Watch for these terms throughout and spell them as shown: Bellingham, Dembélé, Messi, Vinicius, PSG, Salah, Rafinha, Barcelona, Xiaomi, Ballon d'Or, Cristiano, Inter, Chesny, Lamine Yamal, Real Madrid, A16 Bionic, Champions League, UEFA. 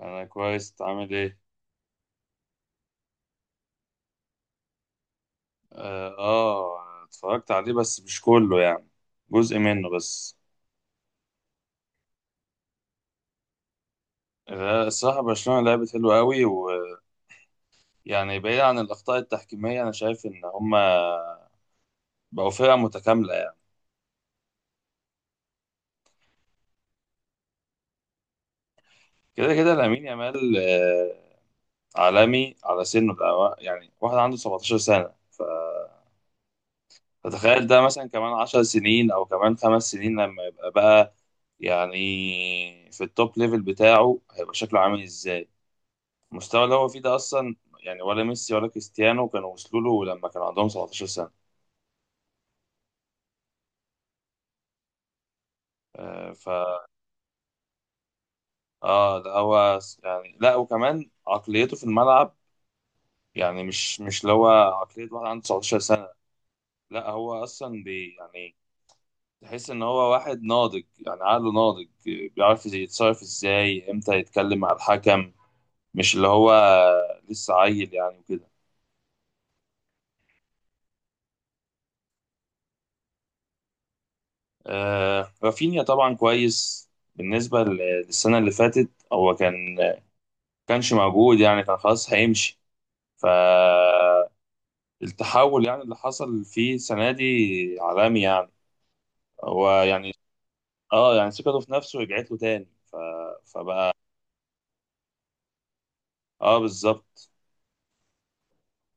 انا كويس. إنت عامل ايه؟ اتفرجت عليه بس مش كله يعني. جزء منه بس. لا، الصراحة برشلونة لعبت حلوة قوي ويعني، بعيد عن الأخطاء التحكيمية. أنا شايف إن هما بقوا فرقة متكاملة يعني. كده كده لامين يامال، عالمي على سنه ده يعني، واحد عنده 17 سنة فتخيل ده مثلا كمان 10 سنين أو كمان 5 سنين، لما يبقى بقى يعني في التوب ليفل بتاعه هيبقى شكله عامل إزاي. المستوى اللي هو فيه ده اصلا يعني، ولا ميسي ولا كريستيانو كانوا وصلوا له لما كان عندهم 17 سنه. آه، فا اه ده هو يعني لا، وكمان عقليته في الملعب يعني مش اللي هو عقليه واحد عنده 19 سنه. لا هو اصلا يعني تحس ان هو واحد ناضج، يعني عقله ناضج، بيعرف إزاي يتصرف، ازاي، امتى يتكلم مع الحكم، مش اللي هو لسه عيل يعني وكده. رافينيا طبعا كويس. بالنسبه للسنه اللي فاتت هو كانش موجود يعني، كان خلاص هيمشي، فالتحول يعني اللي حصل فيه السنة دي عالمي يعني. هو يعني اه يعني ثقته في نفسه رجعت له تاني ف... فبقى. اه بالظبط.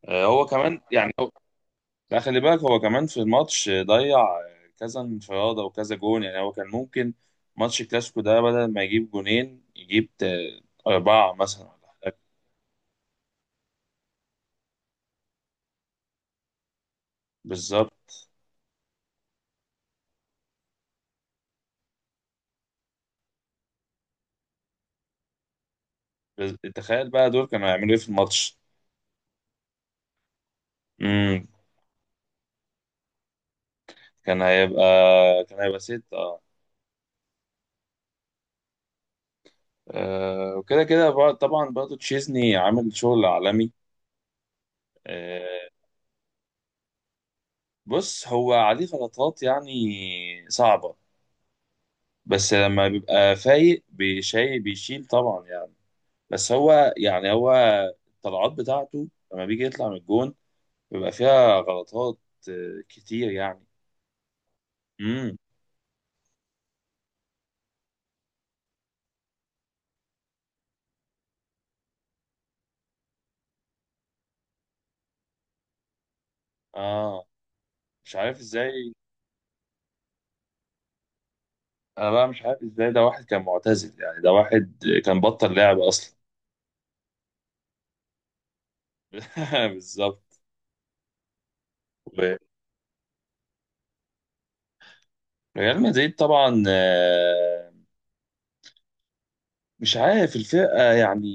هو كمان يعني لا خلي بالك، هو كمان في الماتش ضيع كذا انفرادة وكذا جون، يعني هو كان ممكن ماتش الكلاسيكو ده بدل ما يجيب جونين يجيب أربعة مثلا ولا حاجة. بالظبط. تخيل بقى دول كانوا هيعملوا إيه في الماتش. كان هيبقى كان هيبقى ست، اه. وكده كده طبعا برضه تشيزني عامل شغل عالمي. آه، بص، هو عليه غلطات يعني صعبة، بس لما بيبقى فايق بيشيل طبعا يعني. بس هو الطلعات بتاعته لما بيجي يطلع من الجون بيبقى فيها غلطات، كتير يعني. امم اه مش عارف ازاي. انا بقى مش عارف ازاي، ده واحد كان معتزل يعني، ده واحد كان بطل لعب اصلا. بالظبط. ريال مدريد طبعا، مش عارف الفرقة يعني.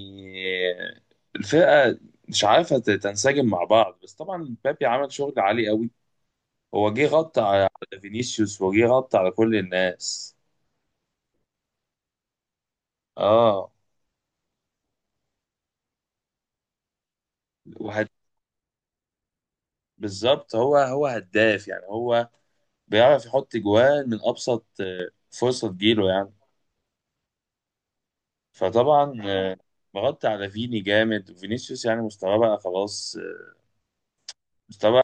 الفرقة مش عارفة تنسجم مع بعض، بس طبعا بابي عمل شغل عالي قوي. هو جه غطى على فينيسيوس، وجه غطى على كل الناس. اه وهد... بالظبط، هو هداف يعني، هو بيعرف يحط جوان من أبسط فرصة تجيله يعني. فطبعا مغطى على فيني جامد، وفينيسيوس يعني مستواه بقى خلاص، آه، مستواه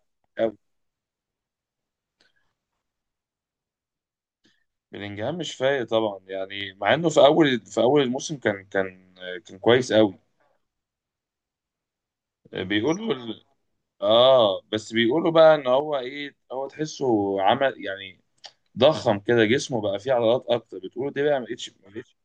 بلينجهام مش فايق طبعا يعني، مع انه في اول الموسم كان كان كويس قوي. بيقولوا ال... اه بس بيقولوا بقى ان هو ايه، هو تحسه عمل يعني ضخم كده، جسمه بقى فيه عضلات اكتر، بتقولوا دي بقى ما بقتش.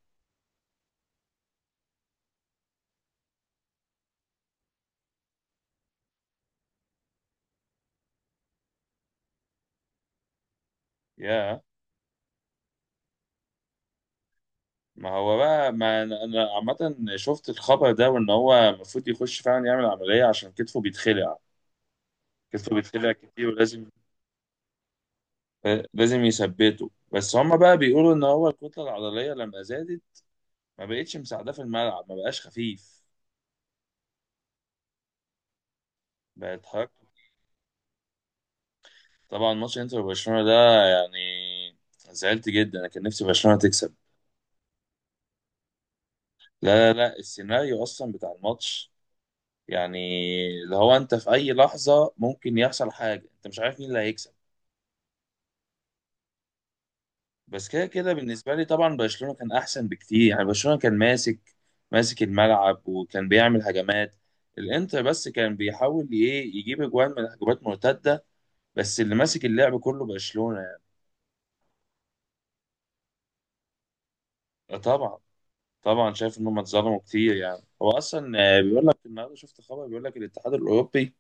يا ما هو بقى، ما انا أنا عامه شفت الخبر ده، وان هو المفروض يخش فعلا يعمل عمليه عشان كتفه بيتخلع. كتفه بيتخلع كتير، ولازم يثبته. بس هما بقى بيقولوا ان هو الكتله العضليه لما زادت، ما بقتش مساعداه في الملعب، ما بقاش خفيف، بقت حركته. طبعا ماتش انتر وبرشلونة ده يعني زعلت جدا، انا كان نفسي برشلونة تكسب. لا لا لا، السيناريو اصلا بتاع الماتش يعني اللي هو، انت في اي لحظة ممكن يحصل حاجة، انت مش عارف مين اللي هيكسب. بس كده كده بالنسبة لي طبعا برشلونة كان احسن بكتير يعني. برشلونة كان ماسك الملعب، وكان بيعمل هجمات. الانتر بس كان بيحاول ايه يجيب اجوان من هجمات مرتدة، بس اللي ماسك اللعب كله برشلونة يعني. طبعا. طبعا شايف ان هم اتظلموا كتير يعني. هو اصلا بيقول لك النهارده شفت خبر، بيقول لك الاتحاد الاوروبي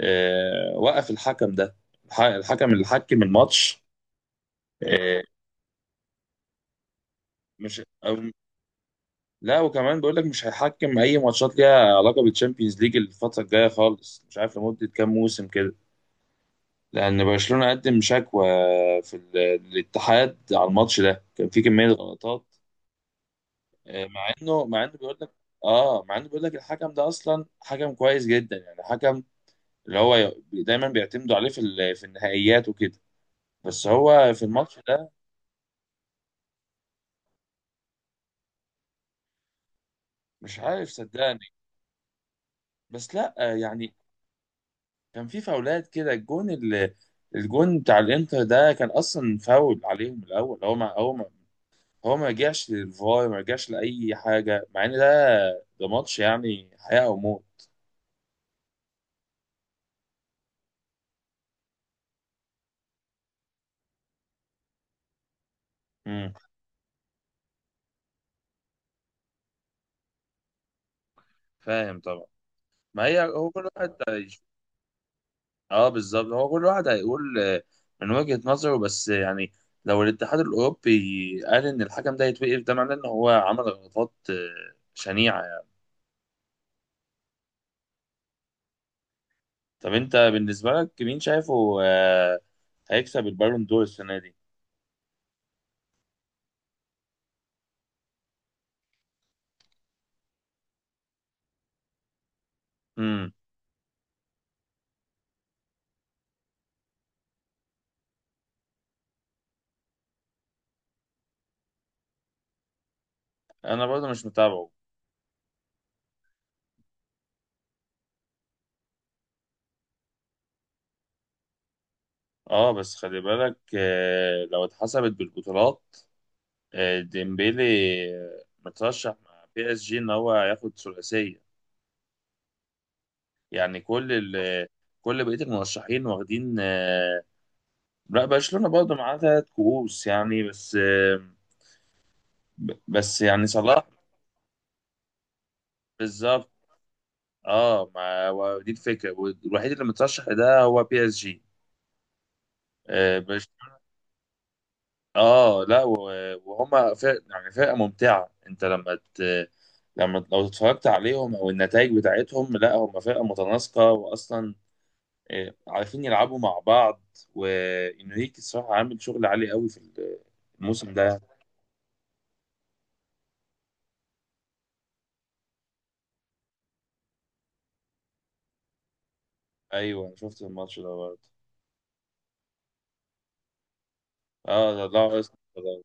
وقف الحكم ده، الحكم اللي حكم الماتش. آه، مش أو لا، وكمان بيقول لك مش هيحكم اي ماتشات ليها علاقه بالتشامبيونز ليج الفتره الجايه خالص، مش عارف لمده كام موسم كده، لان برشلونه قدم شكوى في الاتحاد على الماتش ده. كان في كميه غلطات، مع انه بيقول لك، اه مع انه بيقول لك الحكم ده اصلا حكم كويس جدا يعني، حكم اللي هو دايما بيعتمدوا عليه في في النهائيات وكده، بس هو في الماتش ده مش عارف صدقني. بس لا يعني كان في فاولات كده. الجون الجون بتاع الانتر ده كان اصلا فاول عليهم الاول. هو ما رجعش للفار، ما رجعش لاي حاجه، مع ان ده ده ماتش يعني حياه او موت. امم، فاهم طبعا. ما هي هو كل واحد، اه بالظبط، هو كل واحد هيقول من وجهة نظره بس يعني. لو الاتحاد الأوروبي قال إن الحكم ده يتوقف، ده معناه إن هو عمل غلطات شنيعة يعني. طب أنت بالنسبة لك مين شايفه آه، هيكسب البالون دور السنة دي؟ امم. أنا برضه مش متابعه. اه بس خلي بالك، لو اتحسبت بالبطولات، ديمبيلي مترشح مع بي اس جي إن هو هياخد ثلاثية. يعني كل بقية المرشحين واخدين لا، برشلونة برضه معاه تلات كؤوس يعني، بس يعني صلاح. بالظبط. اه ما هو دي الفكرة، والوحيد اللي مترشح ده هو بي اس جي. اه برش- لا وهما فرق يعني، فرقة ممتعة. انت لما لما لو اتفرجت عليهم او النتائج بتاعتهم، لا هما فرقة متناسقة، واصلا عارفين يلعبوا مع بعض. وانريكي الصراحة عامل شغل عالي قوي في الموسم ده. ايوه شفت الماتش ده برضه. اه ده لا،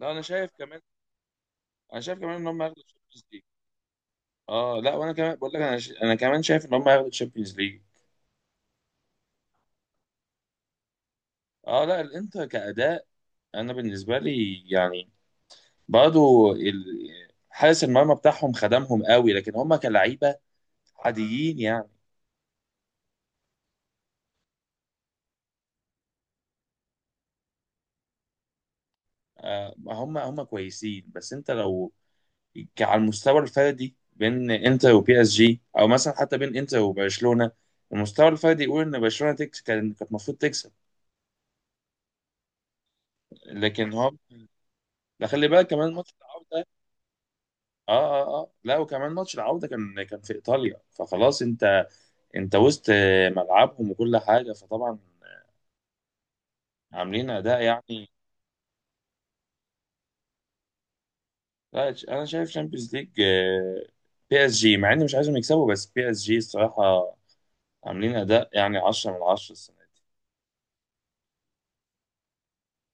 لا انا شايف كمان، انا شايف ان هم هياخدوا الشامبيونز ليج. اه لا، وانا كمان بقول لك انا انا كمان شايف ان هم هياخدوا الشامبيونز ليج. اه لا، الانتر كاداء انا بالنسبه لي يعني، برضه حارس المرمى بتاعهم خدمهم قوي، لكن هم كلعيبه عاديين يعني. آه هم كويسين، بس انت لو على المستوى الفردي بين انتر وبي اس جي، او مثلا حتى بين انتر وبرشلونه، المستوى الفردي يقول ان برشلونه كانت المفروض تكسب. لكن هم، لا خلي بالك كمان ماتش العودة. اه اه لا، وكمان ماتش العودة كان في ايطاليا، فخلاص انت، وسط ملعبهم وكل حاجة، فطبعا عاملين اداء يعني. لا، انا شايف شامبيونز ليج بي اس جي، مع اني مش عايزهم يكسبوا، بس بي اس جي الصراحة عاملين اداء يعني 10 من 10